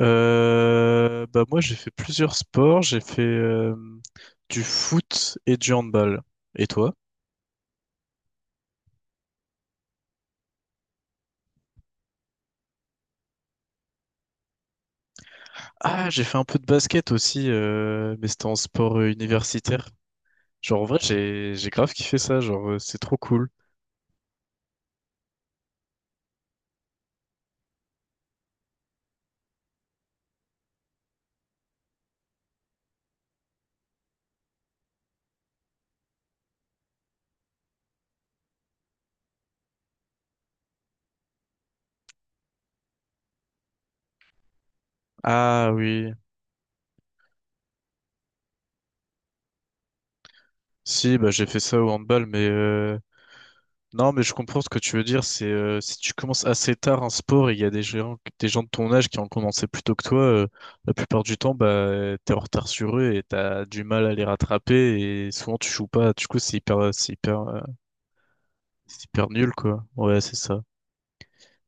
Bah moi j'ai fait plusieurs sports, j'ai fait du foot et du handball. Et toi? Ah, j'ai fait un peu de basket aussi, mais c'était en sport universitaire. Genre en vrai j'ai grave kiffé ça, genre c'est trop cool. Ah oui, si bah j'ai fait ça au handball, mais non, mais je comprends ce que tu veux dire. C'est si tu commences assez tard un sport et il y a des gens de ton âge qui ont commencé plus tôt que toi, la plupart du temps, bah, t'es en retard sur eux et t'as du mal à les rattraper et souvent tu joues pas. Du coup, c'est hyper, c'est hyper, c'est hyper nul, quoi. Ouais, c'est ça.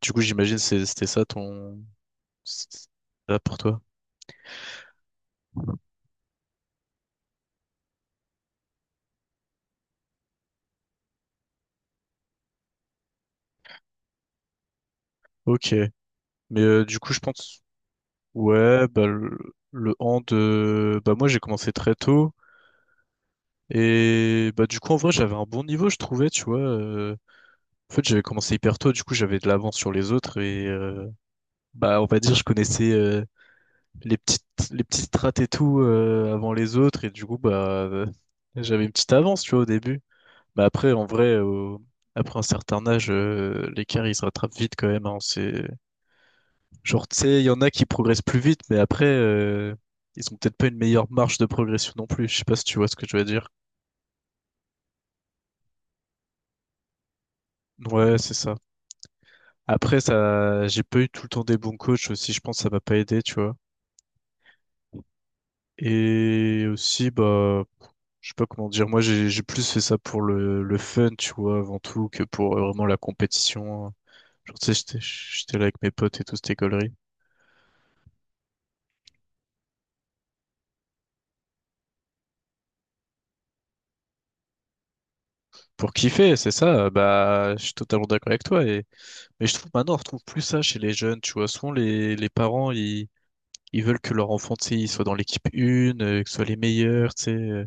Du coup, j'imagine c'était ça ton, c'était ça pour toi. Ok, mais du coup je pense ouais bah le hand bah moi j'ai commencé très tôt et bah du coup en vrai j'avais un bon niveau je trouvais tu vois en fait, j'avais commencé hyper tôt, du coup, j'avais de l'avance sur les autres et bah, on va dire, je connaissais les petites les petites strates et tout avant les autres et du coup, bah, j'avais une petite avance, tu vois, au début. Mais après, en vrai, après un certain âge, l'écart il se rattrape vite quand même. Hein, c'est genre, tu sais, il y en a qui progressent plus vite, mais après, ils ont peut-être pas une meilleure marge de progression non plus. Je sais pas si tu vois ce que je veux dire. Ouais, c'est ça. Après, ça, j'ai pas eu tout le temps des bons coachs aussi. Je pense que ça m'a pas aidé, tu vois. Et aussi, bah, je sais pas comment dire, moi j'ai plus fait ça pour le fun, tu vois, avant tout, que pour vraiment la compétition. Genre, tu sais, j'étais là avec mes potes et tout, c'était gaulerie. Pour kiffer, c'est ça, bah, je suis totalement d'accord avec toi. Et... Mais je trouve maintenant, on retrouve plus ça chez les jeunes, tu vois. Souvent, les parents, ils veulent que leur enfant, tu sais, il soit dans l'équipe une, que ce soit les meilleurs, tu sais.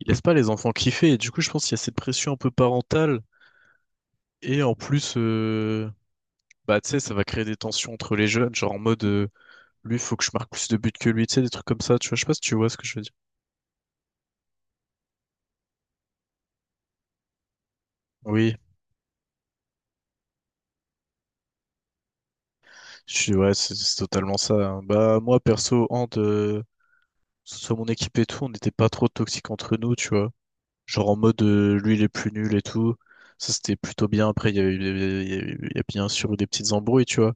Ils laissent pas les enfants kiffer. Et du coup, je pense qu'il y a cette pression un peu parentale. Et en plus, bah, tu sais, ça va créer des tensions entre les jeunes, genre en mode, lui, faut que je marque plus de buts que lui, tu sais, des trucs comme ça, tu vois, je sais pas si tu vois ce que je veux dire. Oui, je suis, ouais, c'est totalement ça. Hein. Bah, moi, perso, Hand, que ce soit mon équipe et tout, on n'était pas trop toxiques entre nous, tu vois. Genre en mode, lui, il est plus nul et tout. Ça, c'était plutôt bien. Après, il y avait, il y a bien sûr eu des petites embrouilles, tu vois.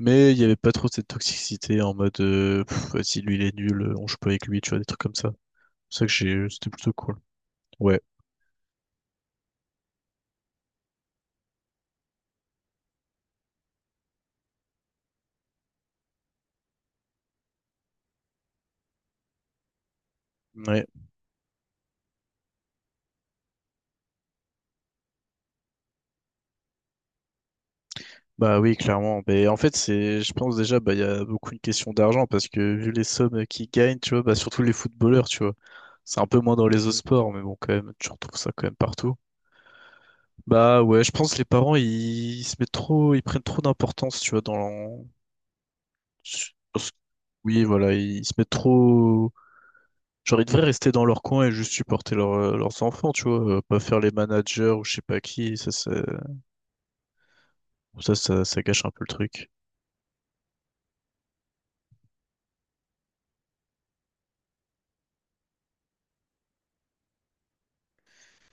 Mais il y avait pas trop cette toxicité en mode, pff, vas-y, lui, il est nul, on joue pas avec lui, tu vois, des trucs comme ça. C'est ça que j'ai, c'était plutôt cool. Ouais. Ouais. Bah oui, clairement. Mais en fait, c'est, je pense déjà, bah, il y a beaucoup une question d'argent parce que vu les sommes qu'ils gagnent, tu vois, bah, surtout les footballeurs, tu vois. C'est un peu moins dans les autres sports, mais bon, quand même, tu retrouves ça quand même partout. Bah ouais, je pense que les parents, ils se mettent trop, ils prennent trop d'importance, tu vois, dans l'en- sur ce- oui, voilà, ils se mettent trop. Genre, ils devraient rester dans leur coin et juste supporter leurs enfants, tu vois, pas faire les managers ou je sais pas qui, ça gâche un peu le truc.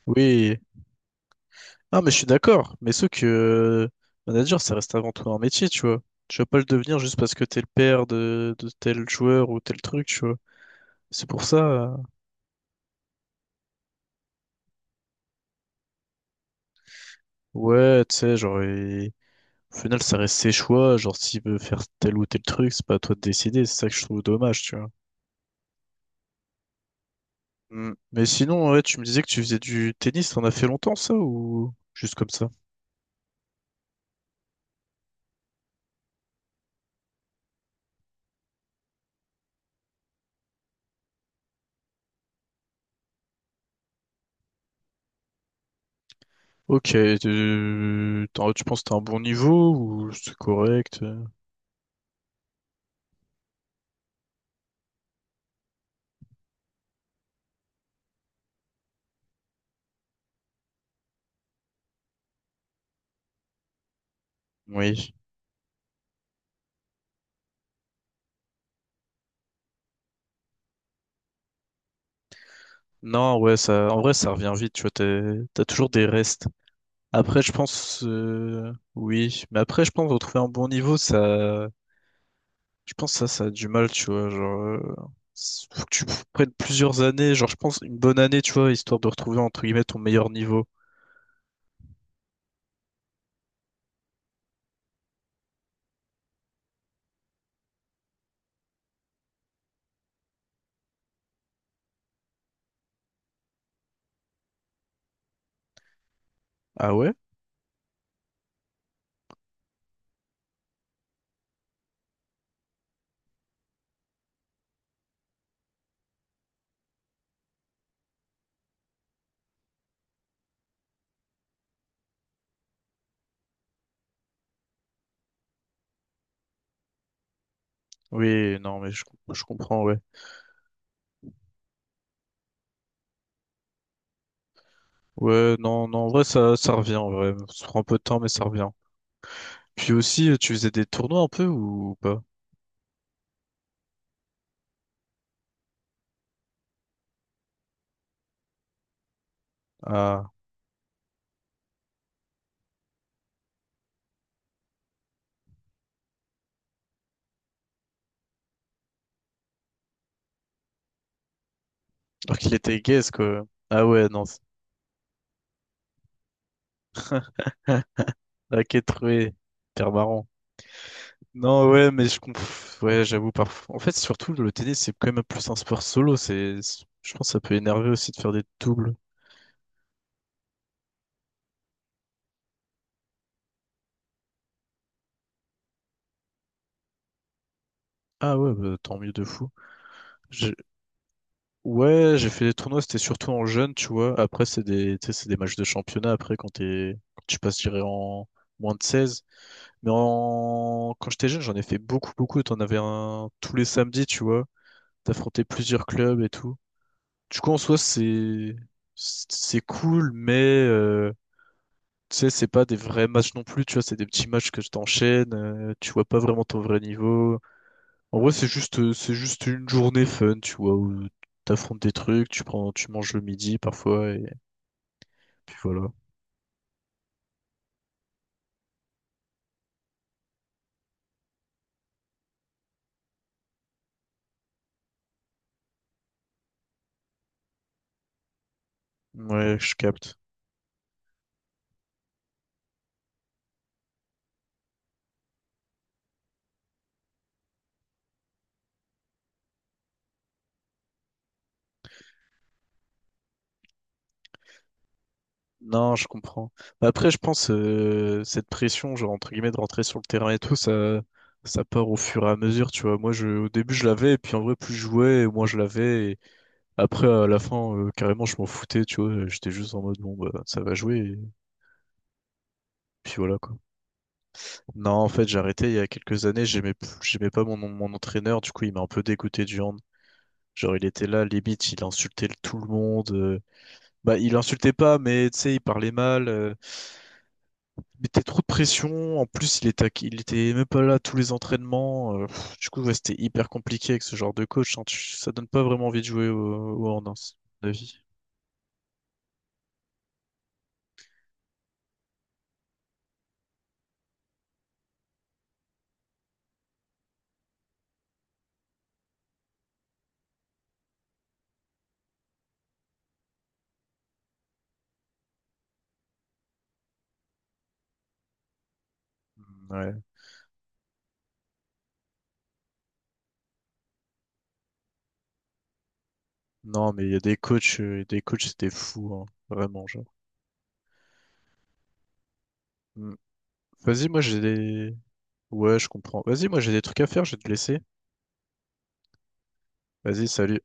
Oui, ah, mais je suis d'accord. Mais ce que manager, ça reste avant tout un métier, tu vois. Tu vas pas le devenir juste parce que t'es le père de tel joueur ou tel truc, tu vois. C'est pour ça. Ouais, tu sais, genre, au final, ça reste ses choix. Genre, s'il veut faire tel ou tel truc, c'est pas à toi de décider. C'est ça que je trouve dommage, tu vois. Mm. Mais sinon, ouais, tu me disais que tu faisais du tennis. T'en as fait longtemps, ça, ou juste comme ça? Ok, tu penses que t'as un bon niveau ou c'est correct? Oui. Non, ouais, ça, en vrai, ça revient vite, tu vois, t'as toujours des restes. Après, je pense, oui, mais après, je pense retrouver un bon niveau, ça, je pense ça, ça a du mal, tu vois, genre, faut que tu prennes plusieurs années, genre, je pense une bonne année, tu vois, histoire de retrouver entre guillemets ton meilleur niveau. Ah ouais? Oui, non, mais je comprends, ouais. Ouais, non, non, en vrai, ça revient, en vrai, ça prend un peu de temps, mais ça revient. Puis aussi, tu faisais des tournois un peu ou pas? Ah, alors qu'il était gaze, quoi. Ah ouais, non. Ok, troué. Hyper marrant. Non, ouais, mais je conf... Ouais, j'avoue, parfois. En fait, surtout, le tennis, c'est quand même plus un sport solo. Je pense que ça peut énerver aussi de faire des doubles. Ah ouais, bah, tant mieux de fou. J'ai- Ouais, j'ai fait des tournois, c'était surtout en jeune, tu vois. Après, c'est des... tu sais, c'est des matchs de championnat, après, quand tu passes, je dirais, en moins de 16. Mais en... quand j'étais jeune, j'en ai fait beaucoup, beaucoup. T'en avais un tous les samedis, tu vois. T'affrontais plusieurs clubs et tout. Du coup, en soi, c'est cool, mais euh, tu sais, c'est pas des vrais matchs non plus. Tu vois, c'est des petits matchs que je t'enchaîne. Tu vois pas vraiment ton vrai niveau. En vrai, c'est juste une journée fun, tu vois, où t'affrontes des trucs, tu prends, tu manges le midi parfois, et puis voilà. Ouais, je capte. Non, je comprends. Mais après, je pense cette pression, genre entre guillemets, de rentrer sur le terrain et tout, ça part au fur et à mesure, tu vois. Moi, je au début, je l'avais, et puis en vrai, plus je jouais, moins je l'avais. Après, à la fin, carrément, je m'en foutais, tu vois. J'étais juste en mode, bon, bah, ça va jouer, et puis voilà, quoi. Non, en fait, j'ai arrêté il y a quelques années. J'aimais pas mon, mon entraîneur. Du coup, il m'a un peu dégoûté du hand. Genre, il était là, limite, il insultait tout le monde. Bah, il insultait pas, mais tu sais, il parlait mal. Il mettait trop de pression. En plus, il était même pas là à tous les entraînements. Pff, du coup, ouais, c'était hyper compliqué avec ce genre de coach. Hein. Ça donne pas vraiment envie de jouer au, au hand, hein, c'est mon avis. Ouais. Non, mais il y a des coachs, c'était fou, hein. Vraiment, genre. Mm. Vas-y, moi j'ai des. Ouais, je comprends. Vas-y, moi j'ai des trucs à faire, je vais te laisser. Vas-y, salut.